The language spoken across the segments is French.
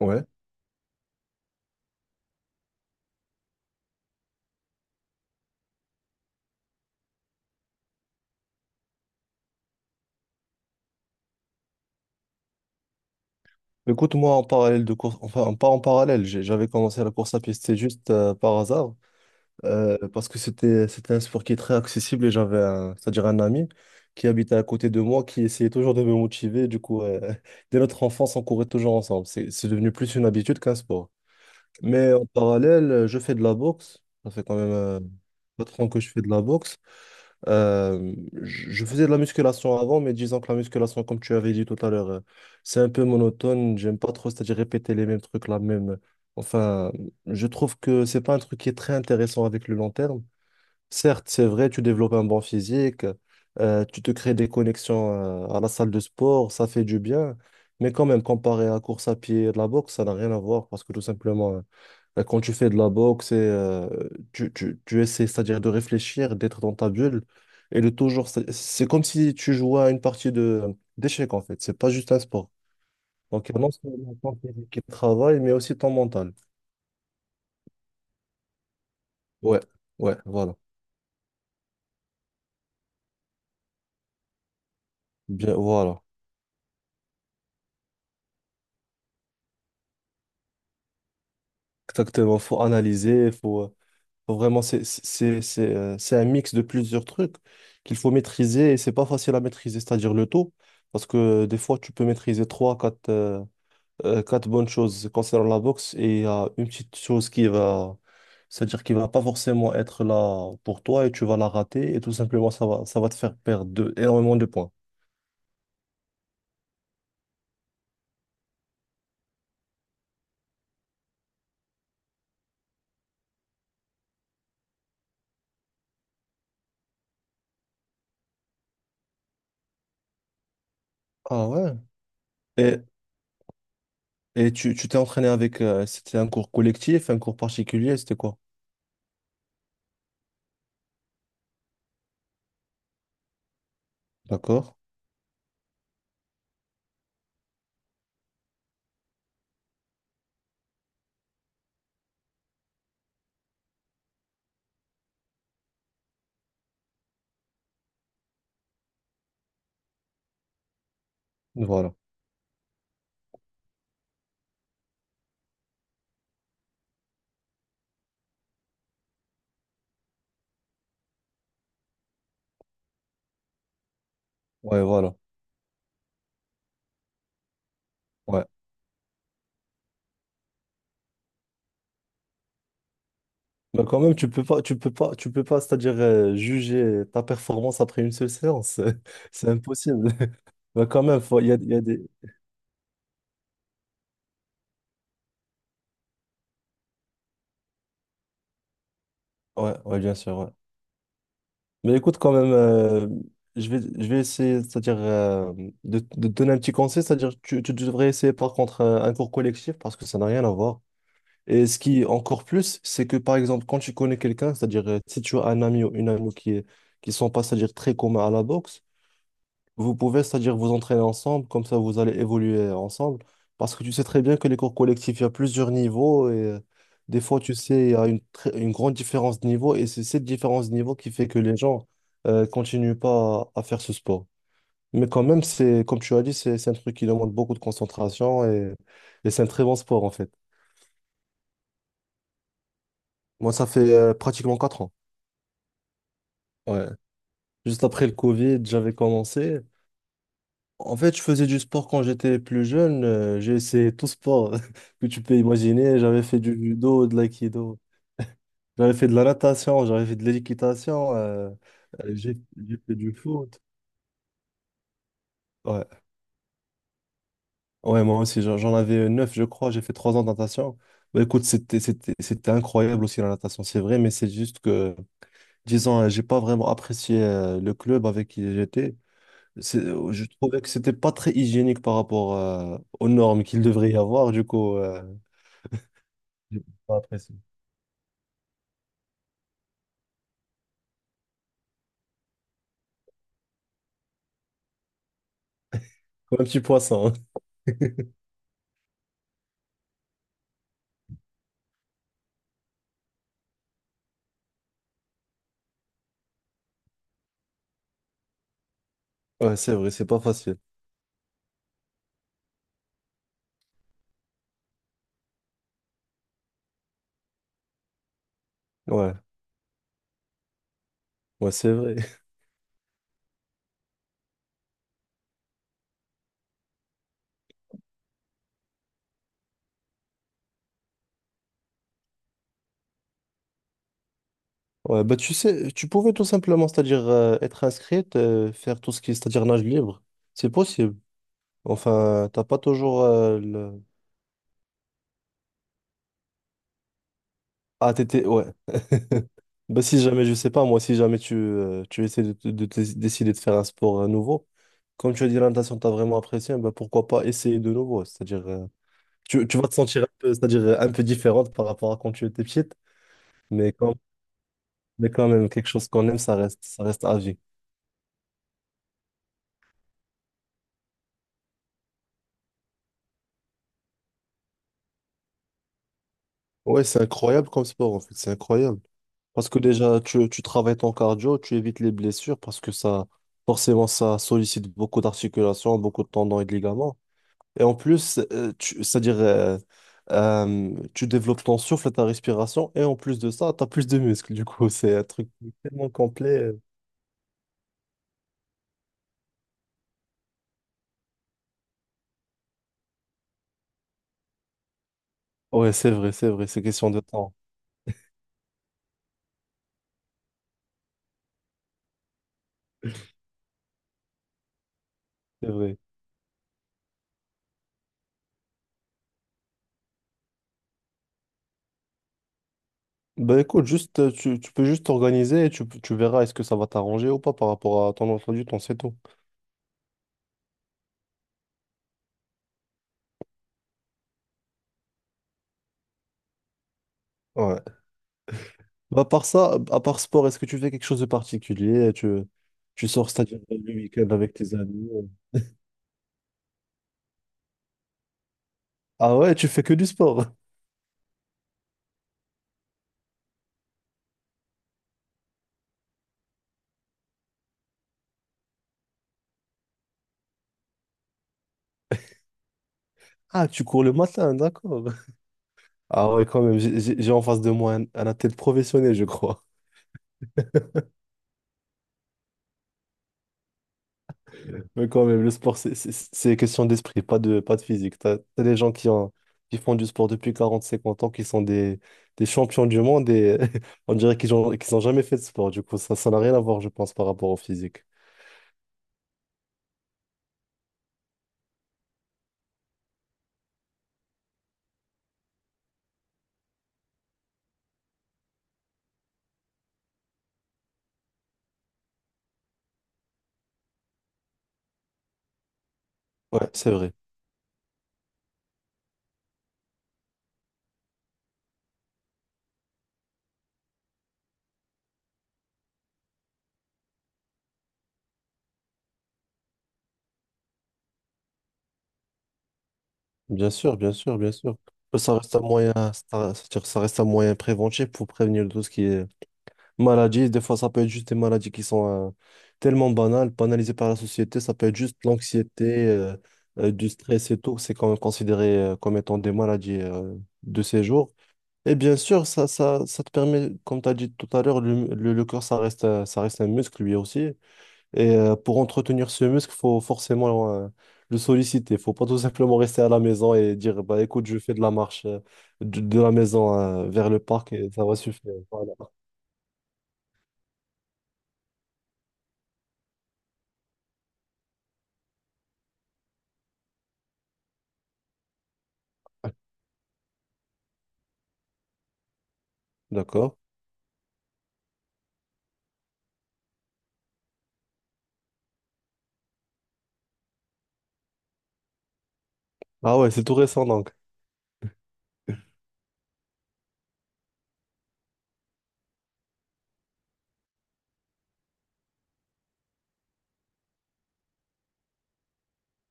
Ouais. Écoute, moi, en parallèle de course, enfin, pas en parallèle, j'avais commencé la course à pied, c'était juste par hasard, parce que c'était un sport qui est très accessible et j'avais un, c'est-à-dire un ami qui habitait à côté de moi, qui essayait toujours de me motiver. Du coup, dès notre enfance, on courait toujours ensemble. C'est devenu plus une habitude qu'un sport. Mais en parallèle, je fais de la boxe. Ça fait quand même pas trop ans que je fais de la boxe. Euh, je faisais de la musculation avant, mais disons que la musculation, comme tu avais dit tout à l'heure, c'est un peu monotone. J'aime pas trop, c'est-à-dire répéter les mêmes trucs, la même. Enfin, je trouve que c'est pas un truc qui est très intéressant avec le long terme. Certes, c'est vrai, tu développes un bon physique, tu te crées des connexions, à la salle de sport, ça fait du bien. Mais quand même, comparé à la course à pied et de la boxe, ça n'a rien à voir parce que tout simplement, quand tu fais de la boxe, et, tu essaies, c'est-à-dire de réfléchir, d'être dans ta bulle et de toujours. C'est comme si tu jouais à une partie de d'échecs en fait. C'est pas juste un sport. Donc, il y a non seulement ton physique qui travaille, mais aussi ton mental. Ouais, ouais, voilà. Bien, voilà. Exactement. Faut analyser, faut vraiment. C'est un mix de plusieurs trucs qu'il faut maîtriser et c'est pas facile à maîtriser, c'est-à-dire le tout. Parce que des fois, tu peux maîtriser trois, quatre. Quatre bonnes choses concernant la boxe et il y a une petite chose qui va, c'est-à-dire qui va pas forcément être là pour toi et tu vas la rater et tout simplement ça va te faire perdre énormément de points. Ah ouais. Et, et tu t'es entraîné avec, c'était un cours collectif, un cours particulier, c'était quoi? D'accord? Voilà. Ouais, voilà. Ouais. Bah, quand même, tu peux pas, c'est-à-dire juger ta performance après une seule séance. C'est impossible. Bah, quand même, il y a des. Ouais, ouais, bien sûr. Ouais. Mais écoute, quand même, je vais essayer, c'est-à-dire de te donner un petit conseil, c'est-à-dire tu devrais essayer par contre un cours collectif parce que ça n'a rien à voir. Et ce qui est encore plus, c'est que par exemple, quand tu connais quelqu'un, c'est-à-dire si tu as un ami ou une amie qui est, qui sont pas, c'est-à-dire très communs à la boxe. Vous pouvez, c'est-à-dire vous entraîner ensemble, comme ça vous allez évoluer ensemble. Parce que tu sais très bien que les cours collectifs, il y a plusieurs niveaux et des fois, tu sais, il y a une grande différence de niveau et c'est cette différence de niveau qui fait que les gens continuent pas à, faire ce sport. Mais quand même, c'est, comme tu as dit, c'est un truc qui demande beaucoup de concentration et c'est un très bon sport en fait. Moi, ça fait pratiquement 4 ans. Ouais. Juste après le Covid, j'avais commencé. En fait, je faisais du sport quand j'étais plus jeune. J'ai essayé tout sport que tu peux imaginer. J'avais fait du judo, de l'aïkido. J'avais fait de la natation, j'avais fait de l'équitation. Euh, j'ai j'ai fait du foot. Ouais, ouais, moi aussi, j'en avais 9, je crois. J'ai fait 3 ans de natation. Bah, écoute, c'était incroyable aussi la natation, c'est vrai, mais c'est juste que, disons, j'ai pas vraiment apprécié le club avec qui j'étais. Je trouvais que c'était pas très hygiénique par rapport aux normes qu'il devrait y avoir. Du coup, j'ai pas apprécié. Comme un petit poisson. Hein. Ouais, c'est vrai, c'est pas facile. Ouais, ouais, c'est vrai. Ouais, bah tu sais, tu pouvais tout simplement, c'est-à-dire être inscrite, faire tout ce qui est, c'est-à-dire nage libre. C'est possible. Enfin, t'as pas toujours Ah, t'étais. Ouais. Bah si jamais, je sais pas, moi, si jamais tu essaies décider de faire un sport nouveau, comme tu as dit, la natation, t'as vraiment apprécié, bah pourquoi pas essayer de nouveau. C'est-à-dire, tu vas te sentir un peu, c'est-à-dire un peu différente par rapport à quand tu étais petite, mais quand Mais quand même, quelque chose qu'on aime, ça reste à vie. Ouais, c'est incroyable comme sport, en fait. C'est incroyable. Parce que déjà, tu travailles ton cardio, tu évites les blessures parce que ça, forcément, ça sollicite beaucoup d'articulations, beaucoup de tendons et de ligaments. Et en plus, c'est-à-dire, tu développes ton souffle, ta respiration, et en plus de ça, tu as plus de muscles. Du coup, c'est un truc tellement complet. Ouais, c'est vrai, c'est vrai, c'est question de temps. C'est vrai. Bah écoute, juste, tu peux juste t'organiser et tu verras est-ce que ça va t'arranger ou pas par rapport à ton emploi du temps, c'est tout. Ouais. Bah, à part ça, à part sport, est-ce que tu fais quelque chose de particulier? Tu sors, c'est-à-dire le week-end avec tes amis? Ah ouais, tu fais que du sport. Ah, tu cours le matin, d'accord. Ah ouais, quand même, j'ai en face de moi un athlète professionnel, je crois. Mais quand même, le sport, c'est question d'esprit, pas de, pas de physique. T'as des gens qui, qui font du sport depuis 40 50 ans, qui sont des champions du monde et on dirait qu'ils n'ont jamais fait de sport. Du coup, ça, n'a rien à voir, je pense, par rapport au physique. Ouais, c'est vrai. Bien sûr, bien sûr, bien sûr. Ça reste un moyen, ça, c'est-à-dire que ça reste un moyen préventif pour prévenir tout ce qui est maladies, des fois, ça peut être juste des maladies qui sont tellement banales, banalisées par la société. Ça peut être juste l'anxiété, du stress et tout. C'est quand même considéré comme étant des maladies de ces jours. Et bien sûr, ça te permet, comme tu as dit tout à l'heure, le corps, ça reste, ça reste un muscle lui aussi. Et pour entretenir ce muscle, faut forcément le solliciter. Faut pas tout simplement rester à la maison et dire, bah, écoute, je fais de la marche de la maison vers le parc et ça va suffire. Voilà. D'accord. Ah ouais, c'est tout récent donc.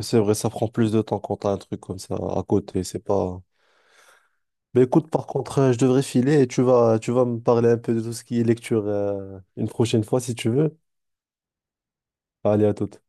C'est vrai, ça prend plus de temps quand t'as un truc comme ça à côté, c'est pas. Mais écoute, par contre, je devrais filer et tu vas me parler un peu de tout ce qui est lecture une prochaine fois si tu veux. Allez, à toute.